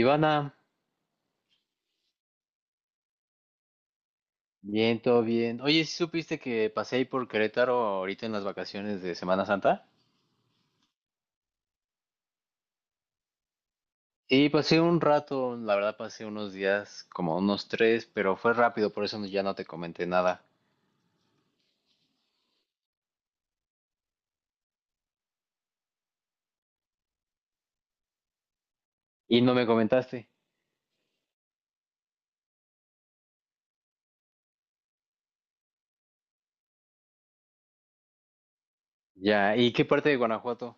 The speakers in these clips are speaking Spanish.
Ivana, bien, todo bien. Oye, ¿sí supiste que pasé ahí por Querétaro ahorita en las vacaciones de Semana Santa? Y pasé un rato, la verdad pasé unos días, como unos tres, pero fue rápido, por eso ya no te comenté nada. Y no me comentaste. Ya, ¿y qué parte de Guanajuato?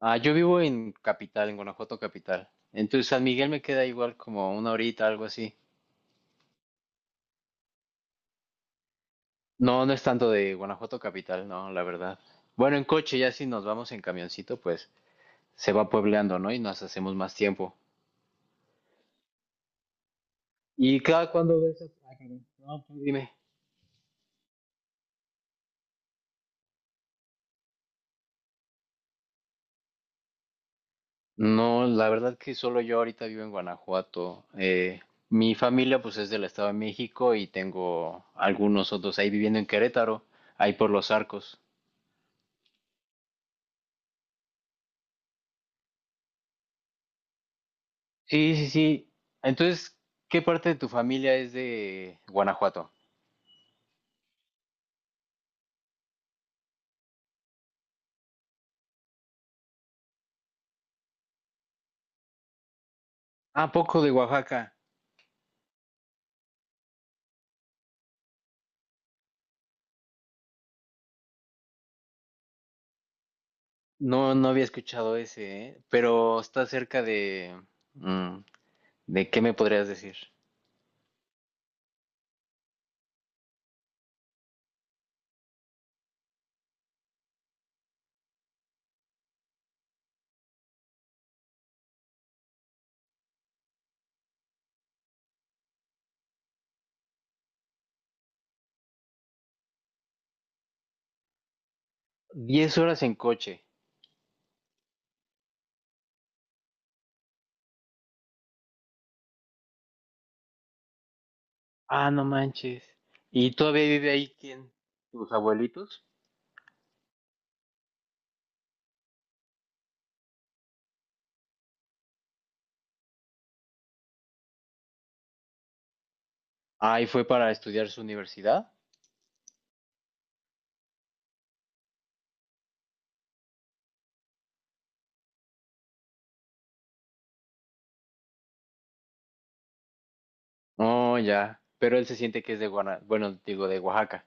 Ah, yo vivo en Capital, en Guanajuato Capital. Entonces San Miguel me queda igual como una horita, algo así. No, no es tanto de Guanajuato Capital, no, la verdad. Bueno, en coche ya si nos vamos en camioncito, pues se va puebleando, ¿no? Y nos hacemos más tiempo. Y cada cuando ves a... Ah, perdón. No, tú dime. No, la verdad que solo yo ahorita vivo en Guanajuato. Mi familia pues es del Estado de México y tengo algunos otros ahí viviendo en Querétaro, ahí por los arcos. Sí, sí, sí. Entonces, ¿qué parte de tu familia es de Guanajuato? Ah, poco de Oaxaca. No, no había escuchado ese, ¿eh? Pero está cerca de... mm, ¿de qué me podrías decir? 10 horas en coche. Ah, no manches. ¿Y todavía vive ahí quién? ¿Tus abuelitos? Ah, ¿y fue para estudiar su universidad? Oh, ya. Pero él se siente que es de Guana, bueno, digo, de Oaxaca.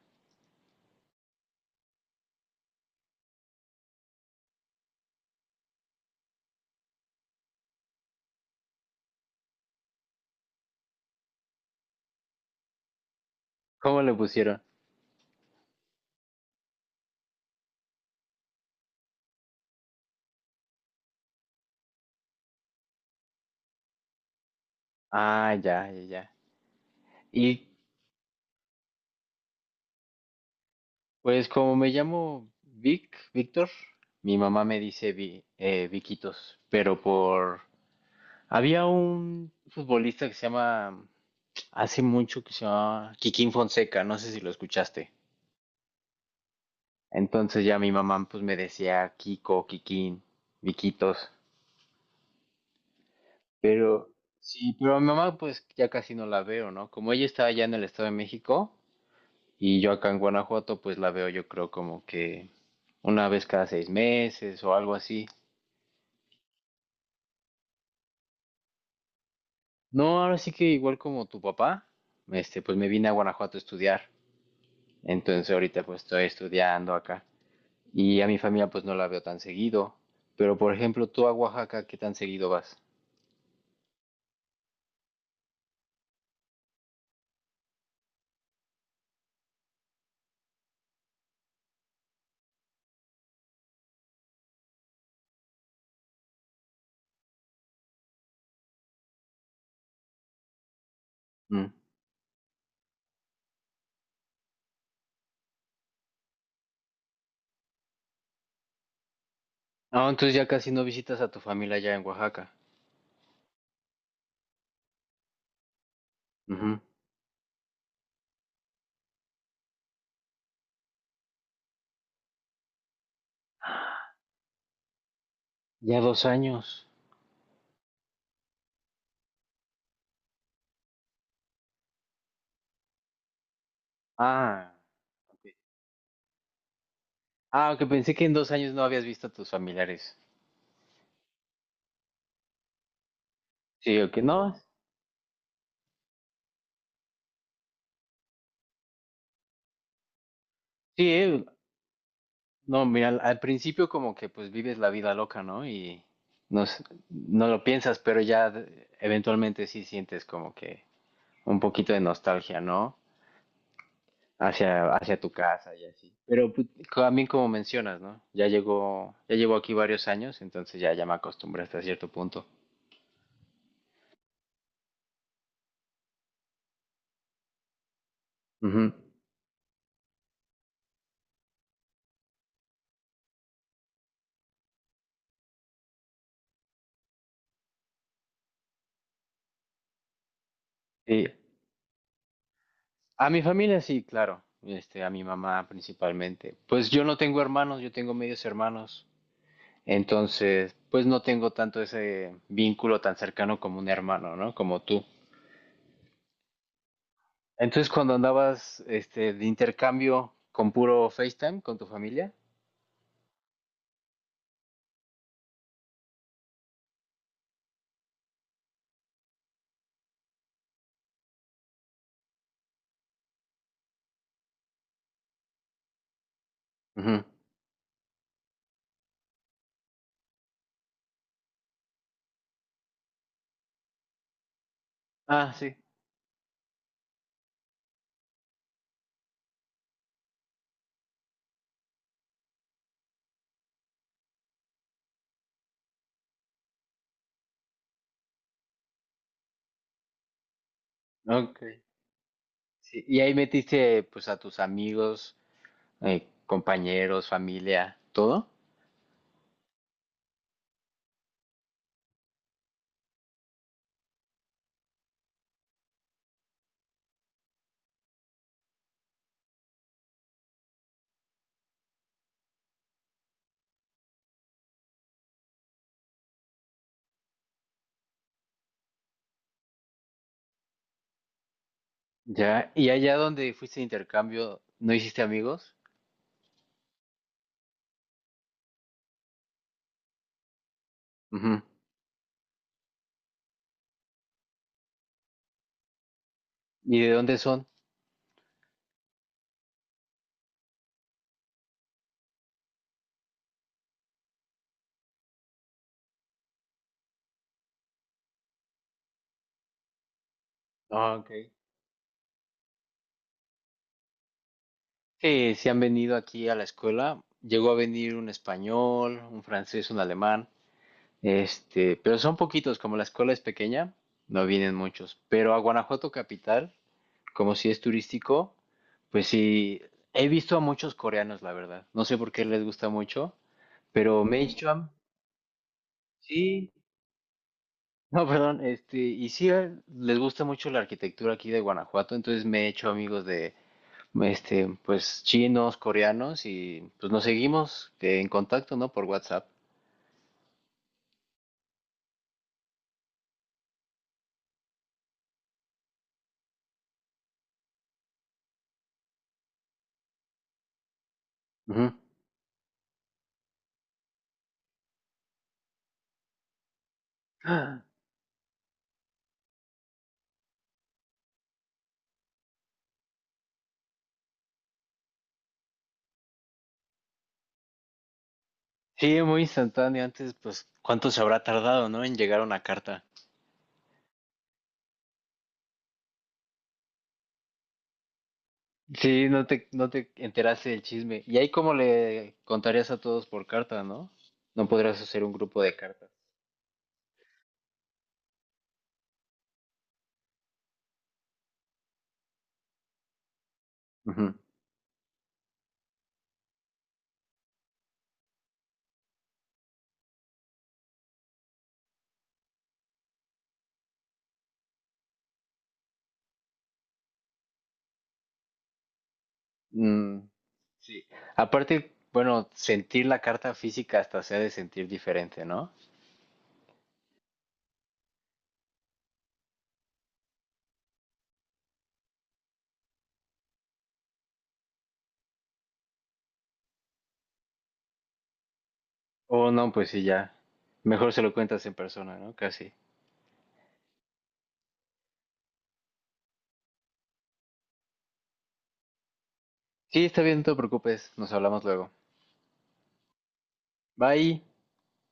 ¿Cómo le pusieron? Ah, ya, ya, ya. Y pues como me llamo Vic, Víctor, mi mamá me dice Vi, Viquitos, pero por... Había un futbolista que se llama, hace mucho que se llamaba Kikín Fonseca, no sé si lo escuchaste. Entonces ya mi mamá pues me decía Kiko, Kikín, Viquitos. Pero sí, pero a mi mamá pues ya casi no la veo, ¿no? Como ella está allá en el Estado de México y yo acá en Guanajuato pues la veo yo creo como que una vez cada 6 meses o algo así. No, ahora sí que igual como tu papá, pues me vine a Guanajuato a estudiar. Entonces ahorita pues estoy estudiando acá. Y a mi familia pues no la veo tan seguido. Pero por ejemplo, tú a Oaxaca, ¿qué tan seguido vas? Mm. Ah, entonces ya casi no visitas a tu familia allá en Oaxaca. Ujú. Ya 2 años. Ah, ok. Ah, que pensé que en 2 años no habías visto a tus familiares. Sí, ok, no. Sí, no, mira, al principio como que pues vives la vida loca, ¿no? Y no, no lo piensas, pero ya eventualmente sí sientes como que un poquito de nostalgia, ¿no? Hacia tu casa y así. Pero pues, también como mencionas, ¿no? Ya llegó, ya llevo aquí varios años, entonces ya me acostumbré hasta cierto punto. Ujú. Sí. A mi familia sí, claro. A mi mamá principalmente. Pues yo no tengo hermanos, yo tengo medios hermanos. Entonces, pues no tengo tanto ese vínculo tan cercano como un hermano, ¿no? Como tú. Entonces, cuando andabas, de intercambio con puro FaceTime con tu familia. Ujú. Ah, sí. Ok. Sí. Y ahí metiste, pues, a tus amigos, compañeros, familia, todo. Ya. ¿Y allá donde fuiste de intercambio, no hiciste amigos? Ujú. ¿Y de dónde son? Ah, ok. Sí, sí han venido aquí a la escuela. Llegó a venir un español, un francés, un alemán, pero son poquitos, como la escuela es pequeña, no vienen muchos. Pero a Guanajuato capital, como si es turístico, pues sí, he visto a muchos coreanos, la verdad. No sé por qué les gusta mucho, pero Meishuam, sí, no, perdón, y sí les gusta mucho la arquitectura aquí de Guanajuato, entonces me he hecho amigos pues chinos, coreanos y pues nos seguimos en contacto, ¿no? Por WhatsApp. Ujú. Sí, muy instantáneo. Antes, pues, ¿cuánto se habrá tardado, no? En llegar una carta. Sí, no te enteraste del chisme. Y ahí como le contarías a todos por carta, ¿no? No podrías hacer un grupo de cartas. Ujú. Mm, sí. Aparte, bueno, sentir la carta física hasta se ha de sentir diferente, ¿no? O no, pues sí, ya. Mejor se lo cuentas en persona, ¿no? Casi. Sí, está bien, no te preocupes. Nos hablamos luego. Bye.